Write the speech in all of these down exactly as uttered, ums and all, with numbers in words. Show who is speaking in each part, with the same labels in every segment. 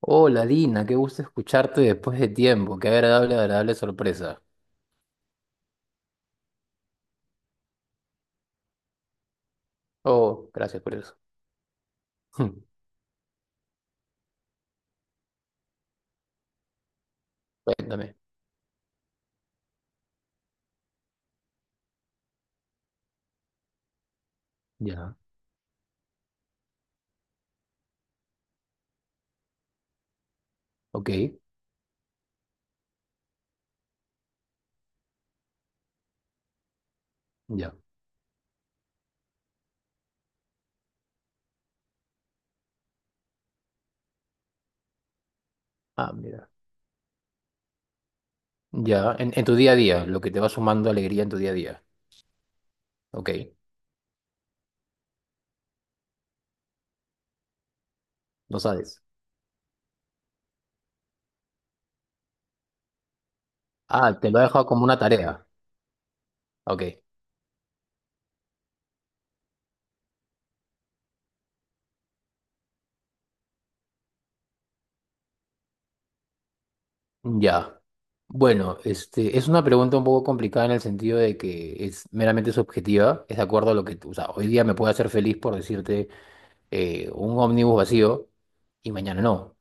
Speaker 1: Hola Dina, qué gusto escucharte después de tiempo, qué agradable, agradable sorpresa. Oh, gracias por eso. Hmm, cuéntame. Ya, ok, ya. Ah, mira. Ya, en, en tu día a día, lo que te va sumando alegría en tu día a día. Ok, no sabes. Ah, te lo he dejado como una tarea. Ok, ya. Bueno, este, es una pregunta un poco complicada en el sentido de que es meramente subjetiva, es de acuerdo a lo que tú, o sea, hoy día me puede hacer feliz por decirte eh, un ómnibus vacío y mañana no.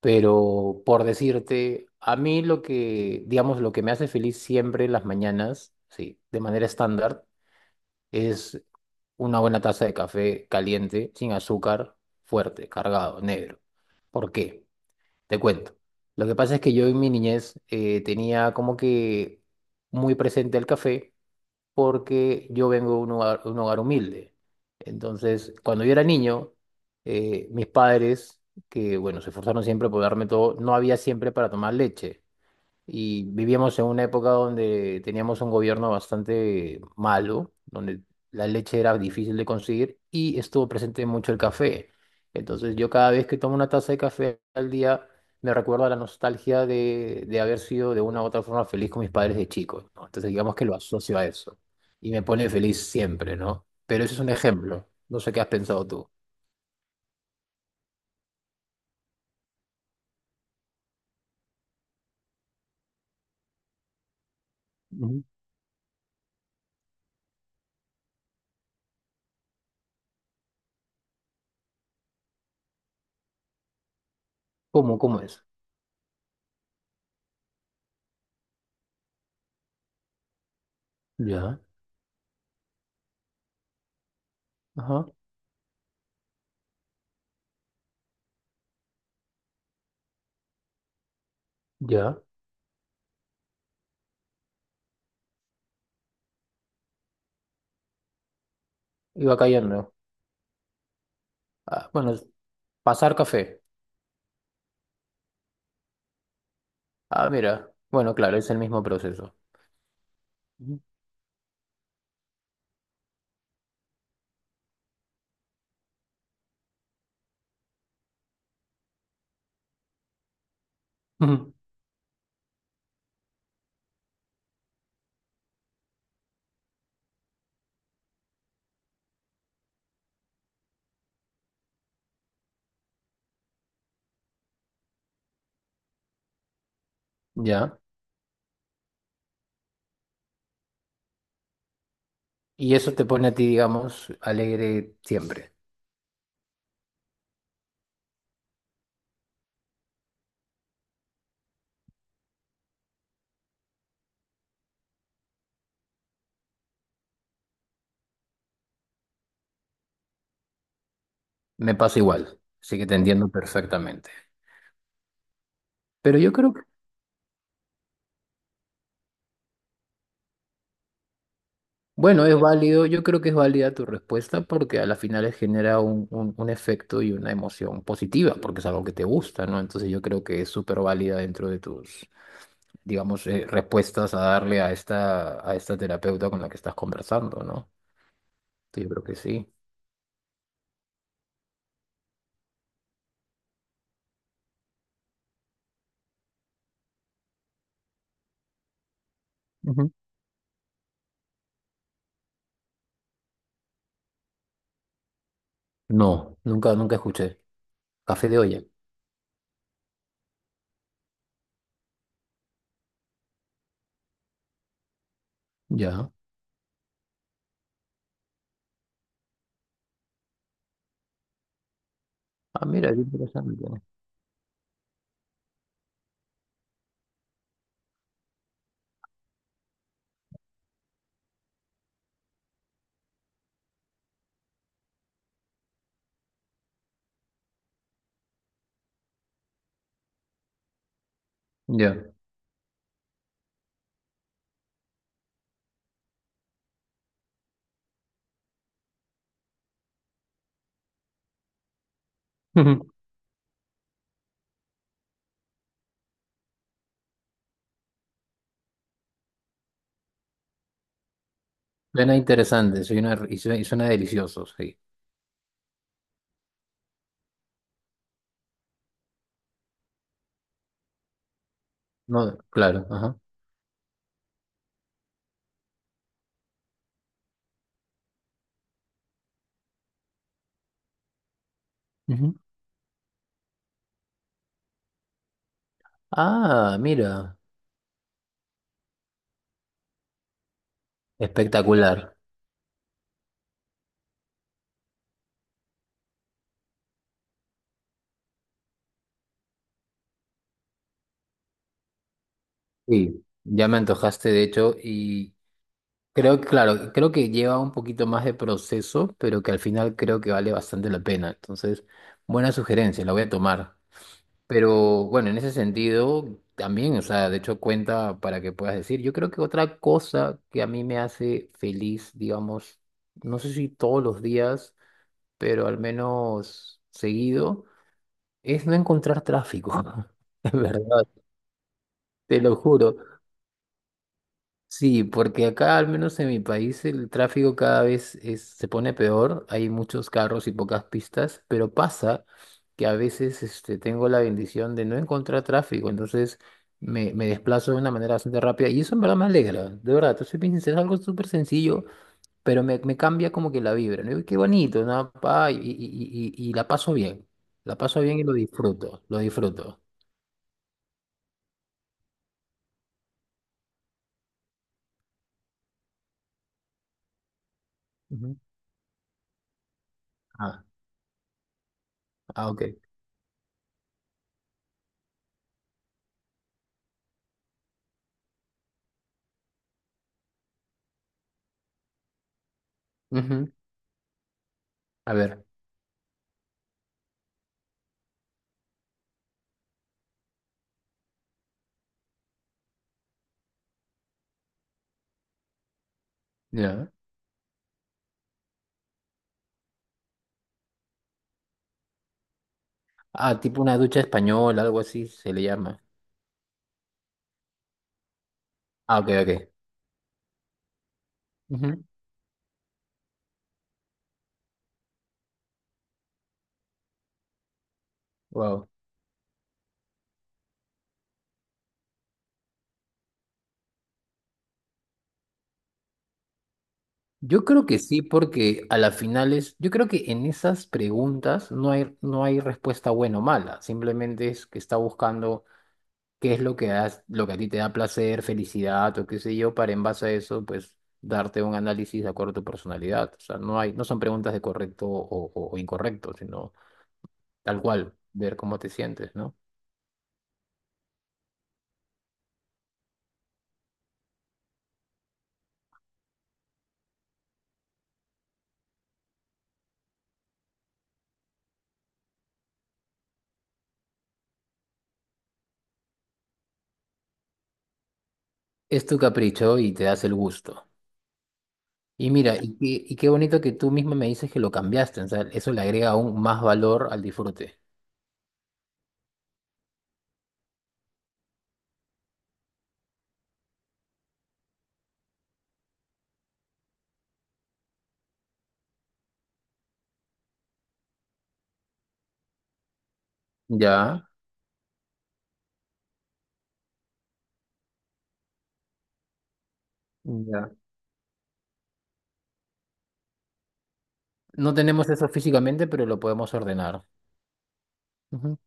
Speaker 1: Pero por decirte, a mí lo que, digamos, lo que me hace feliz siempre en las mañanas, sí, de manera estándar, es una buena taza de café caliente, sin azúcar, fuerte, cargado, negro. ¿Por qué? Te cuento. Lo que pasa es que yo en mi niñez eh, tenía como que muy presente el café porque yo vengo de un hogar, un hogar humilde. Entonces, cuando yo era niño, eh, mis padres, que bueno, se esforzaron siempre por darme todo, no había siempre para tomar leche. Y vivíamos en una época donde teníamos un gobierno bastante malo, donde la leche era difícil de conseguir y estuvo presente mucho el café. Entonces yo cada vez que tomo una taza de café al día me recuerdo a la nostalgia de, de haber sido de una u otra forma feliz con mis padres de chico, ¿no? Entonces digamos que lo asocio a eso y me pone feliz siempre, ¿no? Pero ese es un ejemplo. No sé qué has pensado tú. Ujú. ¿Cómo? ¿Cómo es? Ya, ajá, ya. Iba cayendo. Ah, bueno, pasar café. Ah, mira. Bueno, claro, es el mismo proceso. Ujú. Ujú. Ya. Y eso te pone a ti, digamos, alegre siempre. Me pasa igual, así que te entiendo perfectamente. Pero yo creo que, bueno, es válido, yo creo que es válida tu respuesta porque a la final genera un, un, un efecto y una emoción positiva, porque es algo que te gusta, ¿no? Entonces yo creo que es súper válida dentro de tus, digamos, eh, respuestas a darle a esta, a esta terapeuta con la que estás conversando, ¿no? Entonces, yo creo que sí. Ujú. No, nunca, nunca escuché. Café de olla. Ya. Ah, mira, qué interesante. Ya. Ujú. Suena interesante, suena, y suena, y suena delicioso, sí. No, claro, ajá. Ujú. Ah, mira, espectacular. Sí, ya me antojaste, de hecho, y creo que, claro, creo que lleva un poquito más de proceso, pero que al final creo que vale bastante la pena. Entonces, buena sugerencia, la voy a tomar. Pero bueno, en ese sentido también, o sea, de hecho cuenta para que puedas decir. Yo creo que otra cosa que a mí me hace feliz, digamos, no sé si todos los días, pero al menos seguido, es no encontrar tráfico. En verdad, te lo juro. Sí, porque acá, al menos en mi país, el tráfico cada vez es- se pone peor. Hay muchos carros y pocas pistas, pero pasa que a veces este, tengo la bendición de no encontrar tráfico, entonces me, me desplazo de una manera bastante rápida y eso en verdad me alegra, de verdad. Te soy bien sincero, es algo súper sencillo, pero me, me cambia como que la vibra, ¿no? Y qué bonito, ¿no? Pa, y, y, y, y y la paso bien, la paso bien y lo disfruto, lo disfruto. Ujú. Ah, ah, ok. Ujú. A ver, ya. Ah, tipo una ducha española, algo así se le llama. Ah, ok, ok. Wow. Yo creo que sí, porque a las finales, yo creo que en esas preguntas no hay, no hay respuesta buena o mala. Simplemente es que está buscando qué es lo que has- lo que a ti te da placer, felicidad o qué sé yo, para en base a eso, pues darte un análisis de acuerdo a tu personalidad. O sea, no hay, no son preguntas de correcto o, o- o incorrecto, sino tal cual, ver cómo te sientes, ¿no? Es tu capricho y te das el gusto. Y mira, y qué, y qué bonito que tú misma me dices que lo cambiaste, o sea, eso le agrega aún más valor al disfrute. Ya, ya. No tenemos eso físicamente, pero lo podemos ordenar. Ujú,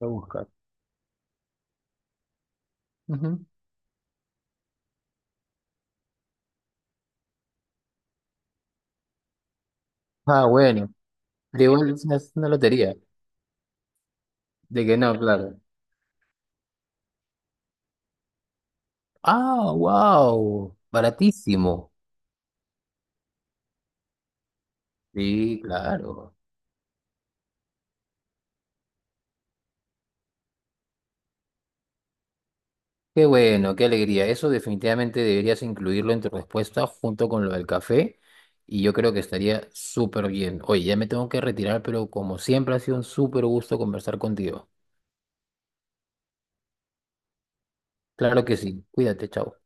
Speaker 1: a buscar. Ujú. Ah, bueno, pero igual es una, es una lotería, de que no, claro. Ah, wow, baratísimo. Sí, claro. Qué bueno, qué alegría. Eso definitivamente deberías incluirlo en tu respuesta junto con lo del café y yo creo que estaría súper bien. Oye, ya me tengo que retirar, pero como siempre ha sido un súper gusto conversar contigo. Claro que sí. Cuídate, chao.